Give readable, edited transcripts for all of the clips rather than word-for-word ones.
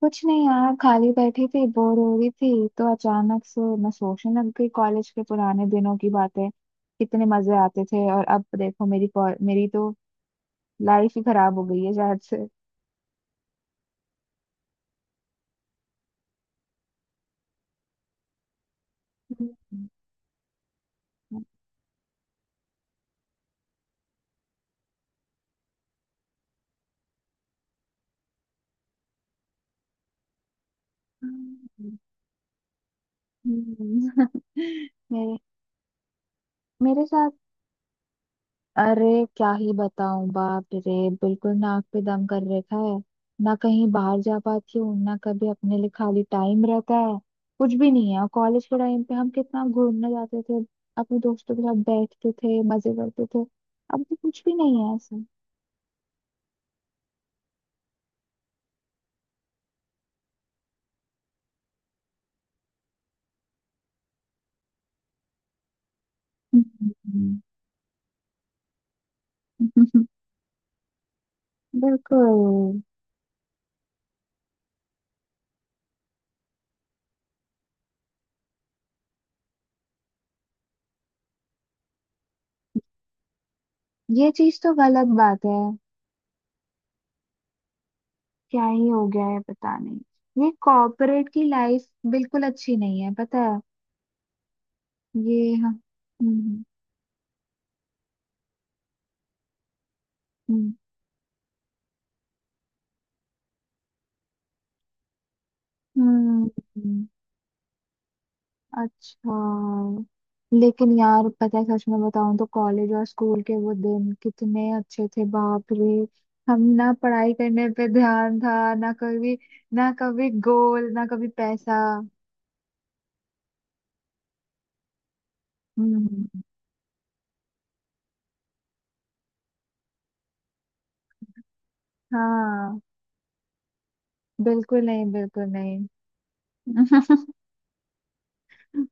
कुछ नहीं यार, खाली बैठी थी, बोर हो रही थी तो अचानक से मैं सोचने लग गई कॉलेज के पुराने दिनों की बातें। कितने मजे आते थे और अब देखो मेरी मेरी तो लाइफ ही खराब हो गई है शायद से। हम्म। हम्म। हम्म। मेरे मेरे साथ अरे क्या ही बताऊं, बाप रे। बिल्कुल नाक पे दम कर रखा है। ना कहीं बाहर जा पाती हूँ, ना कभी अपने लिए खाली टाइम रहता है, कुछ भी नहीं है। कॉलेज के टाइम पे हम कितना घूमने जाते थे, अपने दोस्तों के साथ बैठते थे, मजे करते थे। अब तो कुछ भी नहीं है ऐसा। हम्म। हम्म। बिल्कुल। ये चीज तो गलत बात है। क्या ही हो गया है पता नहीं। ये कॉर्पोरेट की लाइफ बिल्कुल अच्छी नहीं है, पता है। ये हाँ हम्म। हम्म। हम्म। अच्छा। लेकिन यार, पता है, सच में बताऊं तो कॉलेज और स्कूल के वो दिन कितने अच्छे थे, बाप रे। हम ना पढ़ाई करने पे ध्यान था, ना कभी गोल, ना कभी पैसा। हम्म। हाँ। बिल्कुल नहीं, बिल्कुल नहीं।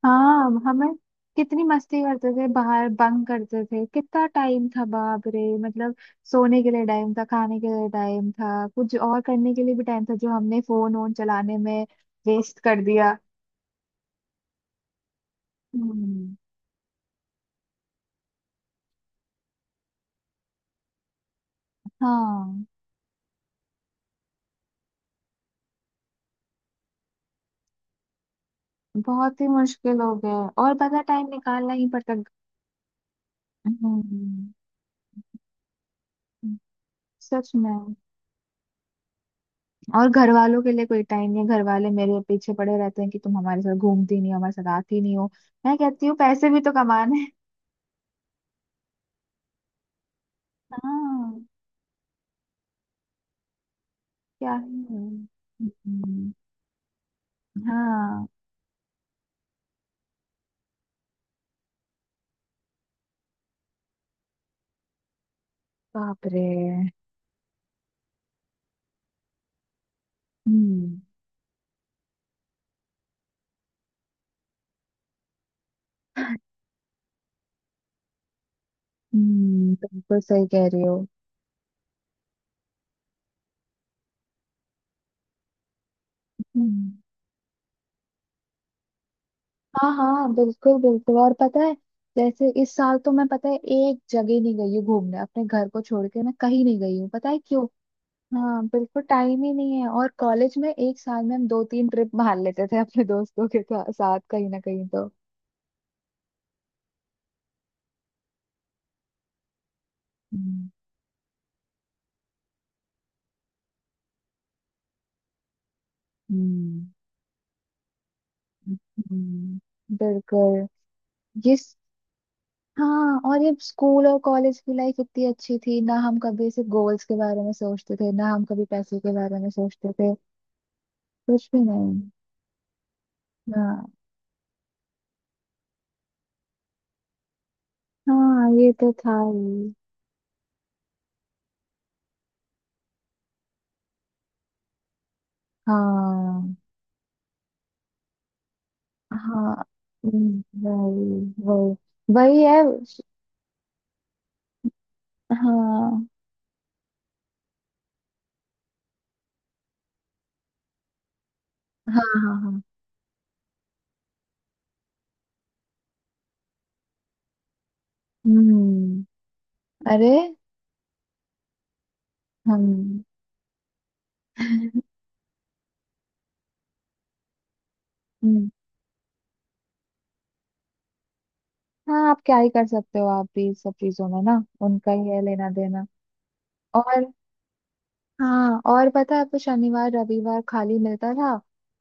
हाँ। हमें कितनी मस्ती करते थे, बाहर बंक करते थे, कितना टाइम था, बाप रे। मतलब सोने के लिए टाइम था, खाने के लिए टाइम था, कुछ और करने के लिए भी टाइम था, जो हमने फोन वोन चलाने में वेस्ट कर दिया। हम्म। हाँ, बहुत ही मुश्किल हो गया। और पता, टाइम निकालना ही पड़ता। हम्म। सच में। और घर वालों के लिए कोई टाइम नहीं, घर वाले मेरे पीछे पड़े रहते हैं कि तुम हमारे साथ घूमती नहीं हो, हमारे साथ आती नहीं हो। मैं कहती हूँ पैसे भी तो कमाने हैं। हाँ। क्या है। हम्म। हाँ, बाप रे। हम्म। हम्म, बिल्कुल सही कह रही हो। हम्म। हाँ, हाँ, बिल्कुल बिल्कुल। और पता है, जैसे इस साल तो मैं पता है एक जगह नहीं गई हूँ घूमने, अपने घर को छोड़ के मैं कहीं नहीं गई हूँ, पता है क्यों। हाँ, बिल्कुल टाइम ही नहीं है। और कॉलेज में एक साल में हम दो तीन ट्रिप मार लेते थे अपने दोस्तों के साथ, कहीं ना कहीं तो। हम्म। हम्म। हम्म, बिल्कुल। ये हाँ। और ये स्कूल और कॉलेज की लाइफ इतनी अच्छी थी ना, हम कभी सिर्फ गोल्स के बारे में सोचते थे, ना हम कभी पैसे के बारे में सोचते थे। कुछ भी नहीं। हाँ। हाँ, ये तो था ही। हाँ। हाँ। वही। वही। वही है। हाँ। हाँ। हाँ। हाँ। हम्म। अरे। हम। हम्म। हाँ, आप क्या ही कर सकते हो, आप भी सब चीजों में ना। उनका ही है लेना देना। और हाँ, और पता है, तो शनिवार रविवार खाली मिलता था,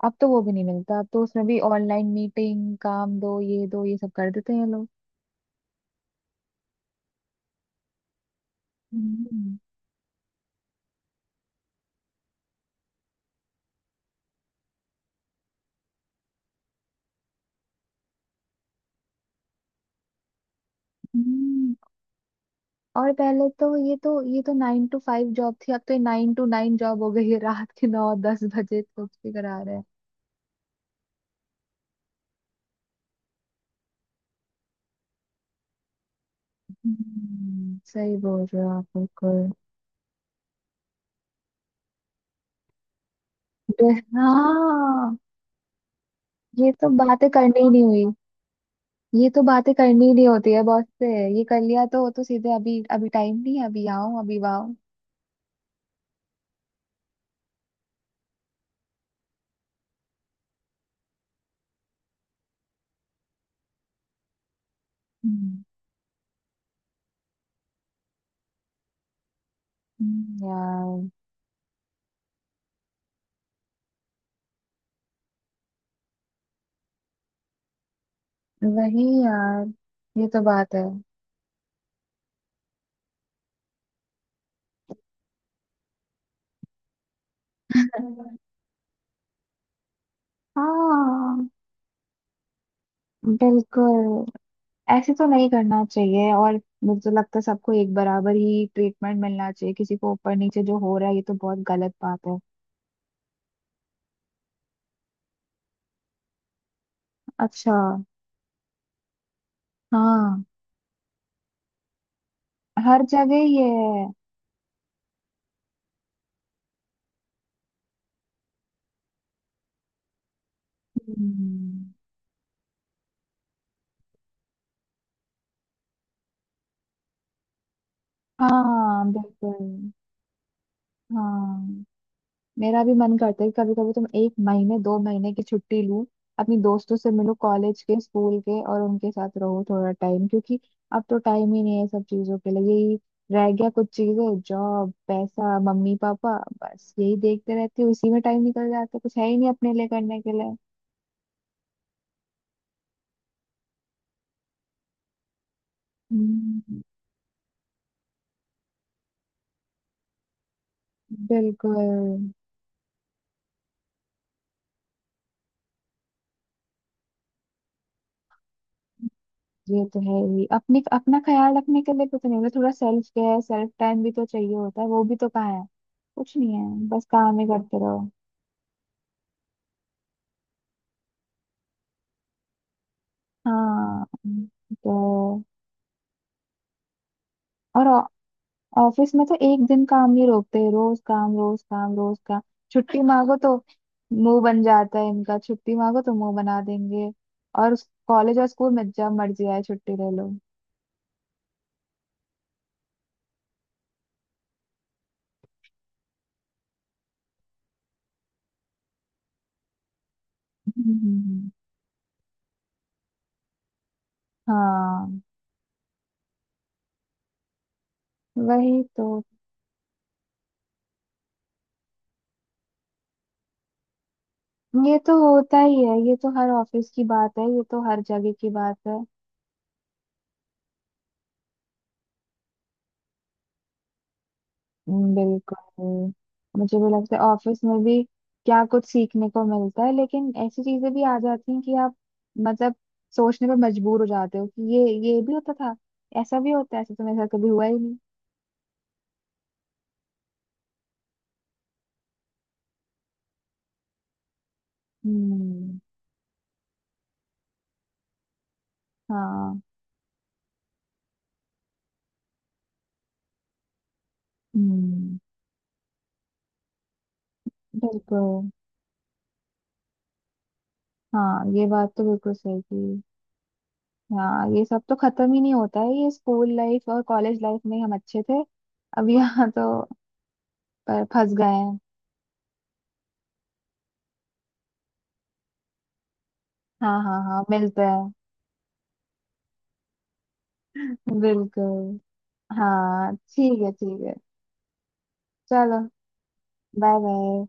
अब तो वो भी नहीं मिलता, अब तो उसमें भी ऑनलाइन मीटिंग, काम दो ये सब कर देते हैं लोग। हम्म। हम्म। और पहले तो ये तो नाइन टू फाइव जॉब थी, अब तो ये नाइन टू नाइन जॉब हो गई है, रात के नौ दस बजे तो कुछ भी करा रहे हैं। सही बोल रहे हो आप, बिल्कुल। हाँ। ये तो बातें करनी ही नहीं हुई। ये तो बातें करनी ही नहीं होती है बॉस से। ये कर लिया तो सीधे अभी अभी टाइम नहीं है, अभी आओ, अभी वाओ। हम्म। यार। वही यार। ये तो बात है। हाँ, बिल्कुल। ऐसे तो नहीं करना चाहिए। और मुझे तो लगता है सबको एक बराबर ही ट्रीटमेंट मिलना चाहिए, किसी को ऊपर नीचे जो हो रहा है ये तो बहुत गलत बात है। अच्छा। हाँ, हर जगह ये है। हम्म। हाँ, बिल्कुल। हाँ, मेरा भी मन करता है कि कभी कभी तुम एक महीने दो महीने की छुट्टी लो, अपनी दोस्तों से मिलो, कॉलेज के स्कूल के, और उनके साथ रहो थोड़ा टाइम, क्योंकि अब तो टाइम ही नहीं है सब चीजों के लिए, यही रह गया कुछ चीजें, जॉब, पैसा, मम्मी पापा, बस यही देखते रहते हो, इसी में टाइम निकल जाता है, कुछ है ही नहीं अपने लिए करने के लिए। हम्म, बिल्कुल। ये तो है ही, अपने अपना ख्याल रखने के लिए कुछ नहीं होता, थोड़ा सेल्फ केयर, सेल्फ टाइम भी तो चाहिए होता है, वो भी तो कहाँ है। कुछ नहीं है, बस काम ही करते रहो। हाँ। तो और ऑफिस में तो एक दिन काम नहीं रोकते, रोज काम, रोज काम, रोज काम। छुट्टी मांगो तो मुंह बन जाता है इनका, छुट्टी मांगो तो मुंह बना देंगे। और कॉलेज और स्कूल में जब मर्जी आए छुट्टी ले लो। हम्म। हाँ, वही तो। ये तो होता ही है, ये तो हर ऑफिस की बात है, ये तो हर जगह की बात है। बिल्कुल। मुझे भी लगता है ऑफिस में भी क्या कुछ सीखने को मिलता है, लेकिन ऐसी चीजें भी आ जाती हैं कि आप, मतलब सोचने पर मजबूर हो जाते हो कि ये भी होता था, ऐसा भी होता है, ऐसा तो मेरे साथ कभी हुआ ही नहीं। हम्म। हाँ। हम्म, बिल्कुल। हाँ, ये बात तो बिल्कुल सही की। हाँ, ये सब तो खत्म ही नहीं होता है। ये स्कूल लाइफ और कॉलेज लाइफ में हम अच्छे थे, अब यहाँ तो फंस गए हैं। हाँ, हाँ, हाँ, मिलता है। बिल्कुल। हाँ, ठीक है, ठीक है। चलो, बाय बाय।